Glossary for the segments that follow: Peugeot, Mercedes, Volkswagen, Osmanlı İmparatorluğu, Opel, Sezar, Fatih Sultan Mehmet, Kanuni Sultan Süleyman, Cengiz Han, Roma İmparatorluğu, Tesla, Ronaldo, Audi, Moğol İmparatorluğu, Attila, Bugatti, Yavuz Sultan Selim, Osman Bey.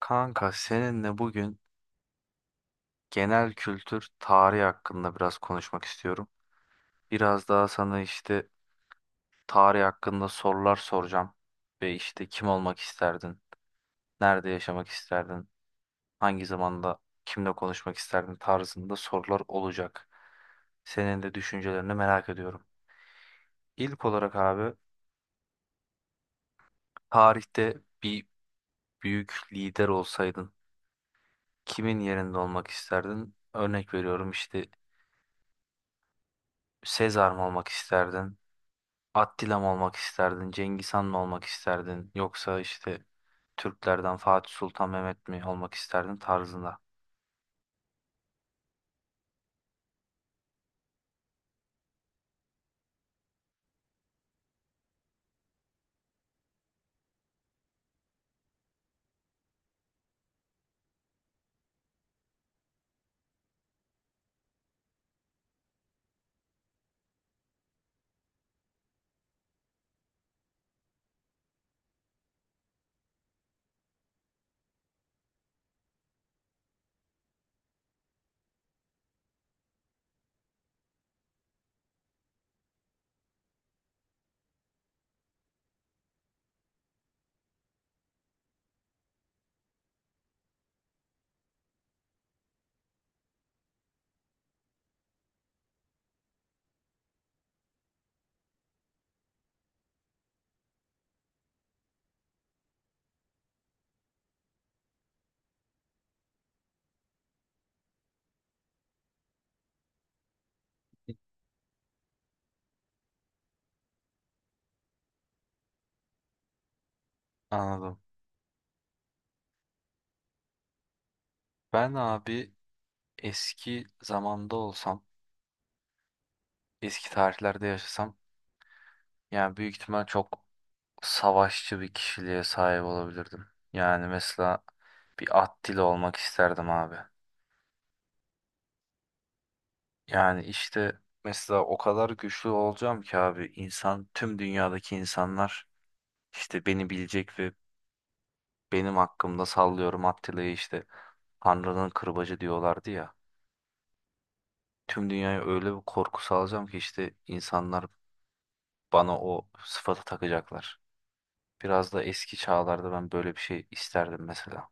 Kanka seninle bugün genel kültür tarih hakkında biraz konuşmak istiyorum. Biraz daha sana işte tarih hakkında sorular soracağım. Ve işte kim olmak isterdin? Nerede yaşamak isterdin? Hangi zamanda kimle konuşmak isterdin tarzında sorular olacak. Senin de düşüncelerini merak ediyorum. İlk olarak abi tarihte bir büyük lider olsaydın kimin yerinde olmak isterdin? Örnek veriyorum işte, Sezar mı olmak isterdin? Attila mı olmak isterdin, Cengiz Han mı olmak isterdin, yoksa işte Türklerden Fatih Sultan Mehmet mi olmak isterdin tarzında. Anladım. Ben abi eski zamanda olsam, eski tarihlerde yaşasam, yani büyük ihtimal çok savaşçı bir kişiliğe sahip olabilirdim. Yani mesela bir Attila olmak isterdim abi. Yani işte mesela o kadar güçlü olacağım ki abi, insan, tüm dünyadaki insanlar işte beni bilecek ve benim hakkımda, sallıyorum, Attila'yı işte Tanrı'nın kırbacı diyorlardı ya. Tüm dünyaya öyle bir korku salacağım ki işte insanlar bana o sıfatı takacaklar. Biraz da eski çağlarda ben böyle bir şey isterdim mesela.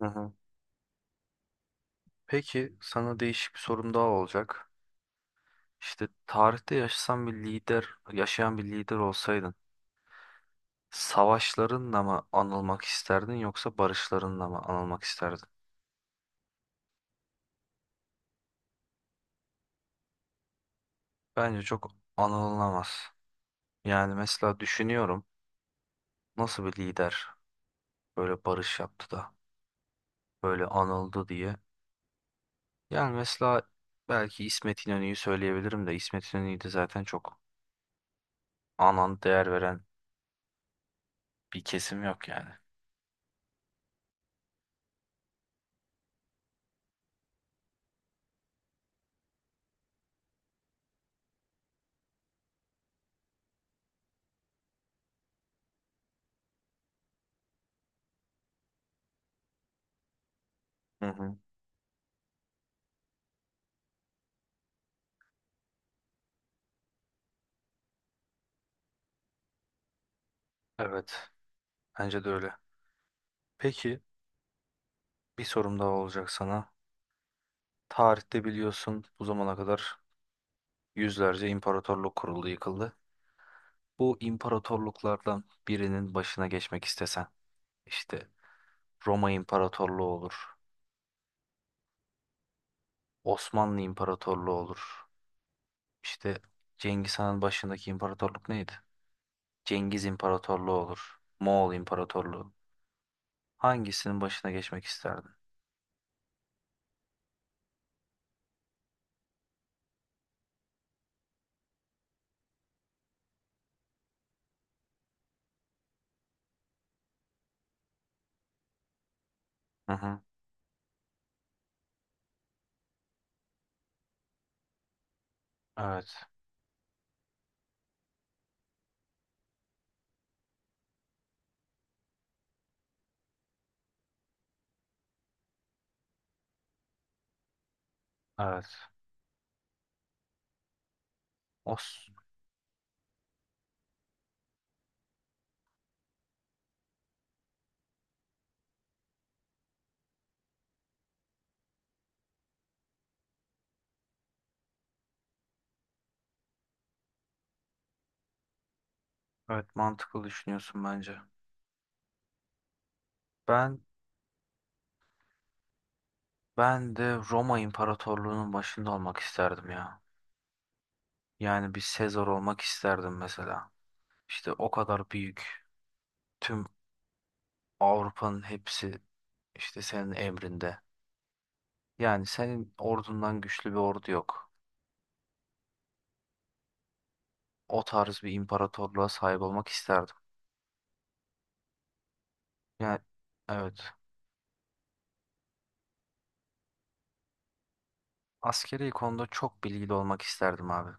Hı hı. Peki sana değişik bir sorum daha olacak. İşte tarihte yaşasan bir lider, yaşayan bir lider olsaydın, savaşlarınla mı anılmak isterdin yoksa barışlarınla mı anılmak isterdin? Bence çok anılmaz. Yani mesela düşünüyorum, nasıl bir lider böyle barış yaptı da böyle anıldı diye. Yani mesela belki İsmet İnönü'yü söyleyebilirim de İsmet İnönü'yü de zaten çok anan, değer veren bir kesim yok yani. Hı hı. Evet, bence de öyle. Peki bir sorum daha olacak sana. Tarihte biliyorsun bu zamana kadar yüzlerce imparatorluk kuruldu, yıkıldı. Bu imparatorluklardan birinin başına geçmek istesen, işte Roma İmparatorluğu olur, Osmanlı İmparatorluğu olur. İşte Cengiz Han'ın başındaki imparatorluk neydi? Cengiz İmparatorluğu olur. Moğol İmparatorluğu. Hangisinin başına geçmek isterdin? Hı hı. Evet. Evet. Os. Evet, mantıklı düşünüyorsun bence. Ben ben de Roma İmparatorluğu'nun başında olmak isterdim ya. Yani bir Sezar olmak isterdim mesela. İşte o kadar büyük. Tüm Avrupa'nın hepsi işte senin emrinde. Yani senin ordundan güçlü bir ordu yok. O tarz bir imparatorluğa sahip olmak isterdim. Yani evet. Askeri konuda çok bilgili olmak isterdim abi.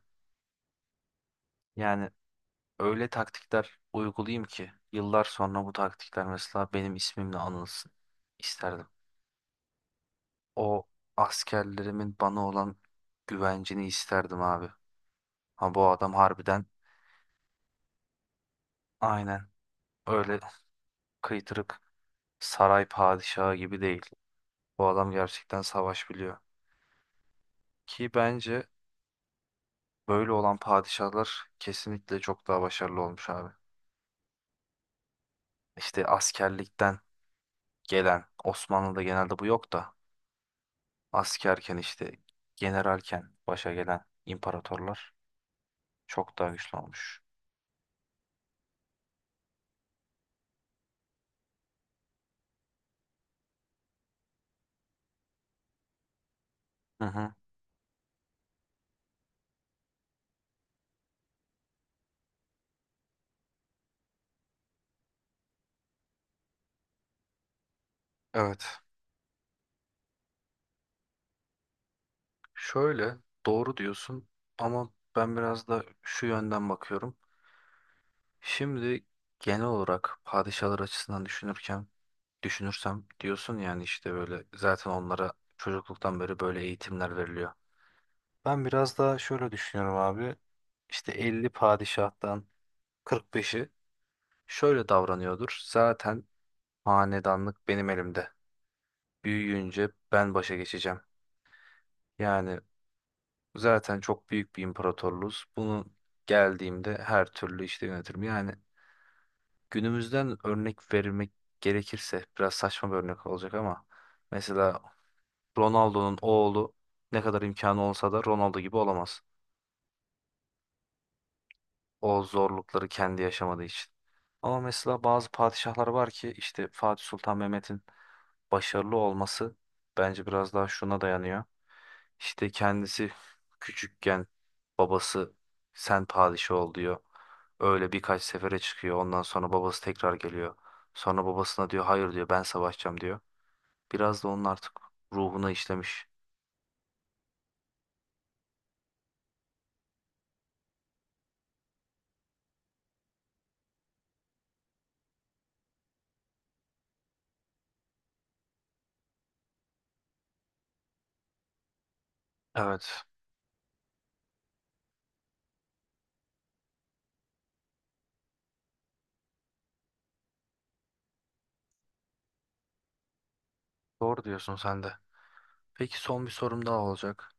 Yani öyle taktikler uygulayayım ki yıllar sonra bu taktikler mesela benim ismimle anılsın isterdim. O askerlerimin bana olan güvencini isterdim abi. Ha, bu adam harbiden, aynen, öyle kıytırık saray padişahı gibi değil. Bu adam gerçekten savaş biliyor. Ki bence böyle olan padişahlar kesinlikle çok daha başarılı olmuş abi. İşte askerlikten gelen, Osmanlı'da genelde bu yok da, askerken işte, generalken başa gelen imparatorlar çok daha güçlü olmuş. Hı hı. Evet. Şöyle, doğru diyorsun ama ben biraz da şu yönden bakıyorum. Şimdi genel olarak padişahlar açısından düşünürsem diyorsun, yani işte böyle zaten onlara çocukluktan beri böyle eğitimler veriliyor. Ben biraz daha şöyle düşünüyorum abi. İşte 50 padişahtan 45'i şöyle davranıyordur. Zaten hanedanlık benim elimde. Büyüyünce ben başa geçeceğim. Yani zaten çok büyük bir imparatorluğuz. Bunu geldiğimde her türlü işte yönetirim. Yani günümüzden örnek vermek gerekirse biraz saçma bir örnek olacak ama mesela Ronaldo'nun oğlu ne kadar imkanı olsa da Ronaldo gibi olamaz, o zorlukları kendi yaşamadığı için. Ama mesela bazı padişahlar var ki işte Fatih Sultan Mehmet'in başarılı olması bence biraz daha şuna dayanıyor. İşte kendisi küçükken babası sen padişah ol diyor. Öyle birkaç sefere çıkıyor. Ondan sonra babası tekrar geliyor. Sonra babasına diyor hayır diyor, ben savaşacağım diyor. Biraz da onun artık ruhuna işlemiş. Evet, doğru diyorsun sen de. Peki son bir sorum daha olacak.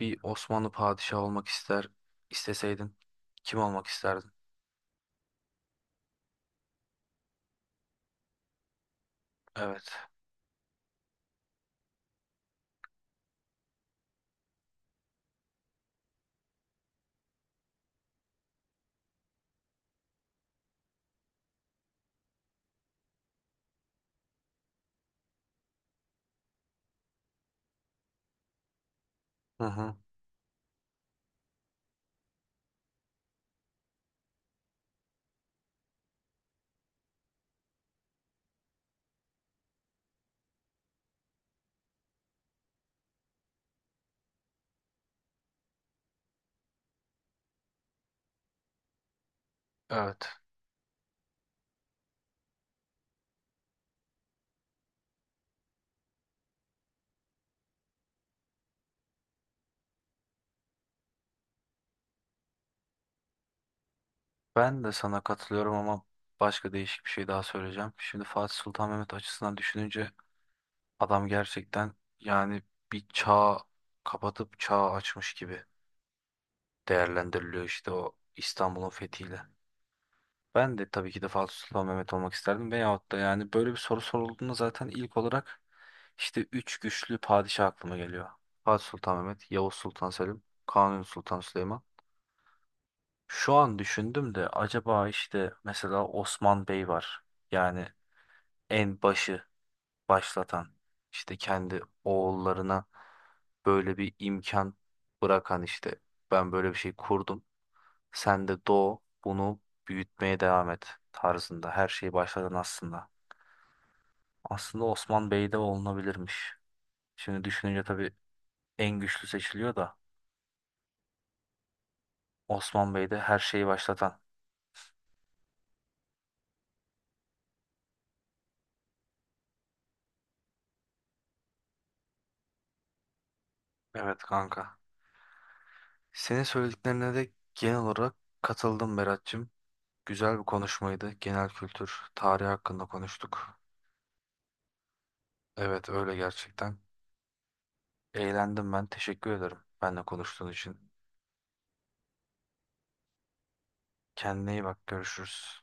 Bir Osmanlı padişahı olmak isteseydin kim olmak isterdin? Evet. Hı hı. Evet. Ben de sana katılıyorum ama başka değişik bir şey daha söyleyeceğim. Şimdi Fatih Sultan Mehmet açısından düşününce adam gerçekten, yani, bir çağ kapatıp çağ açmış gibi değerlendiriliyor işte o İstanbul'un fethiyle. Ben de tabii ki de Fatih Sultan Mehmet olmak isterdim. Veyahut da, yani böyle bir soru sorulduğunda zaten ilk olarak işte üç güçlü padişah aklıma geliyor. Fatih Sultan Mehmet, Yavuz Sultan Selim, Kanuni Sultan Süleyman. Şu an düşündüm de acaba işte mesela Osman Bey var. Yani en başı başlatan, işte kendi oğullarına böyle bir imkan bırakan, işte ben böyle bir şey kurdum. Bunu büyütmeye devam et tarzında. Her şeyi başladın aslında. Aslında Osman Bey de olunabilirmiş. Şimdi düşününce tabii en güçlü seçiliyor da Osman Bey de her şeyi başlatan. Evet kanka. Senin söylediklerine de genel olarak katıldım Berat'cığım. Güzel bir konuşmaydı. Genel kültür, tarih hakkında konuştuk. Evet, öyle gerçekten. Eğlendim ben. Teşekkür ederim benimle konuştuğun için. Kendine iyi bak. Görüşürüz.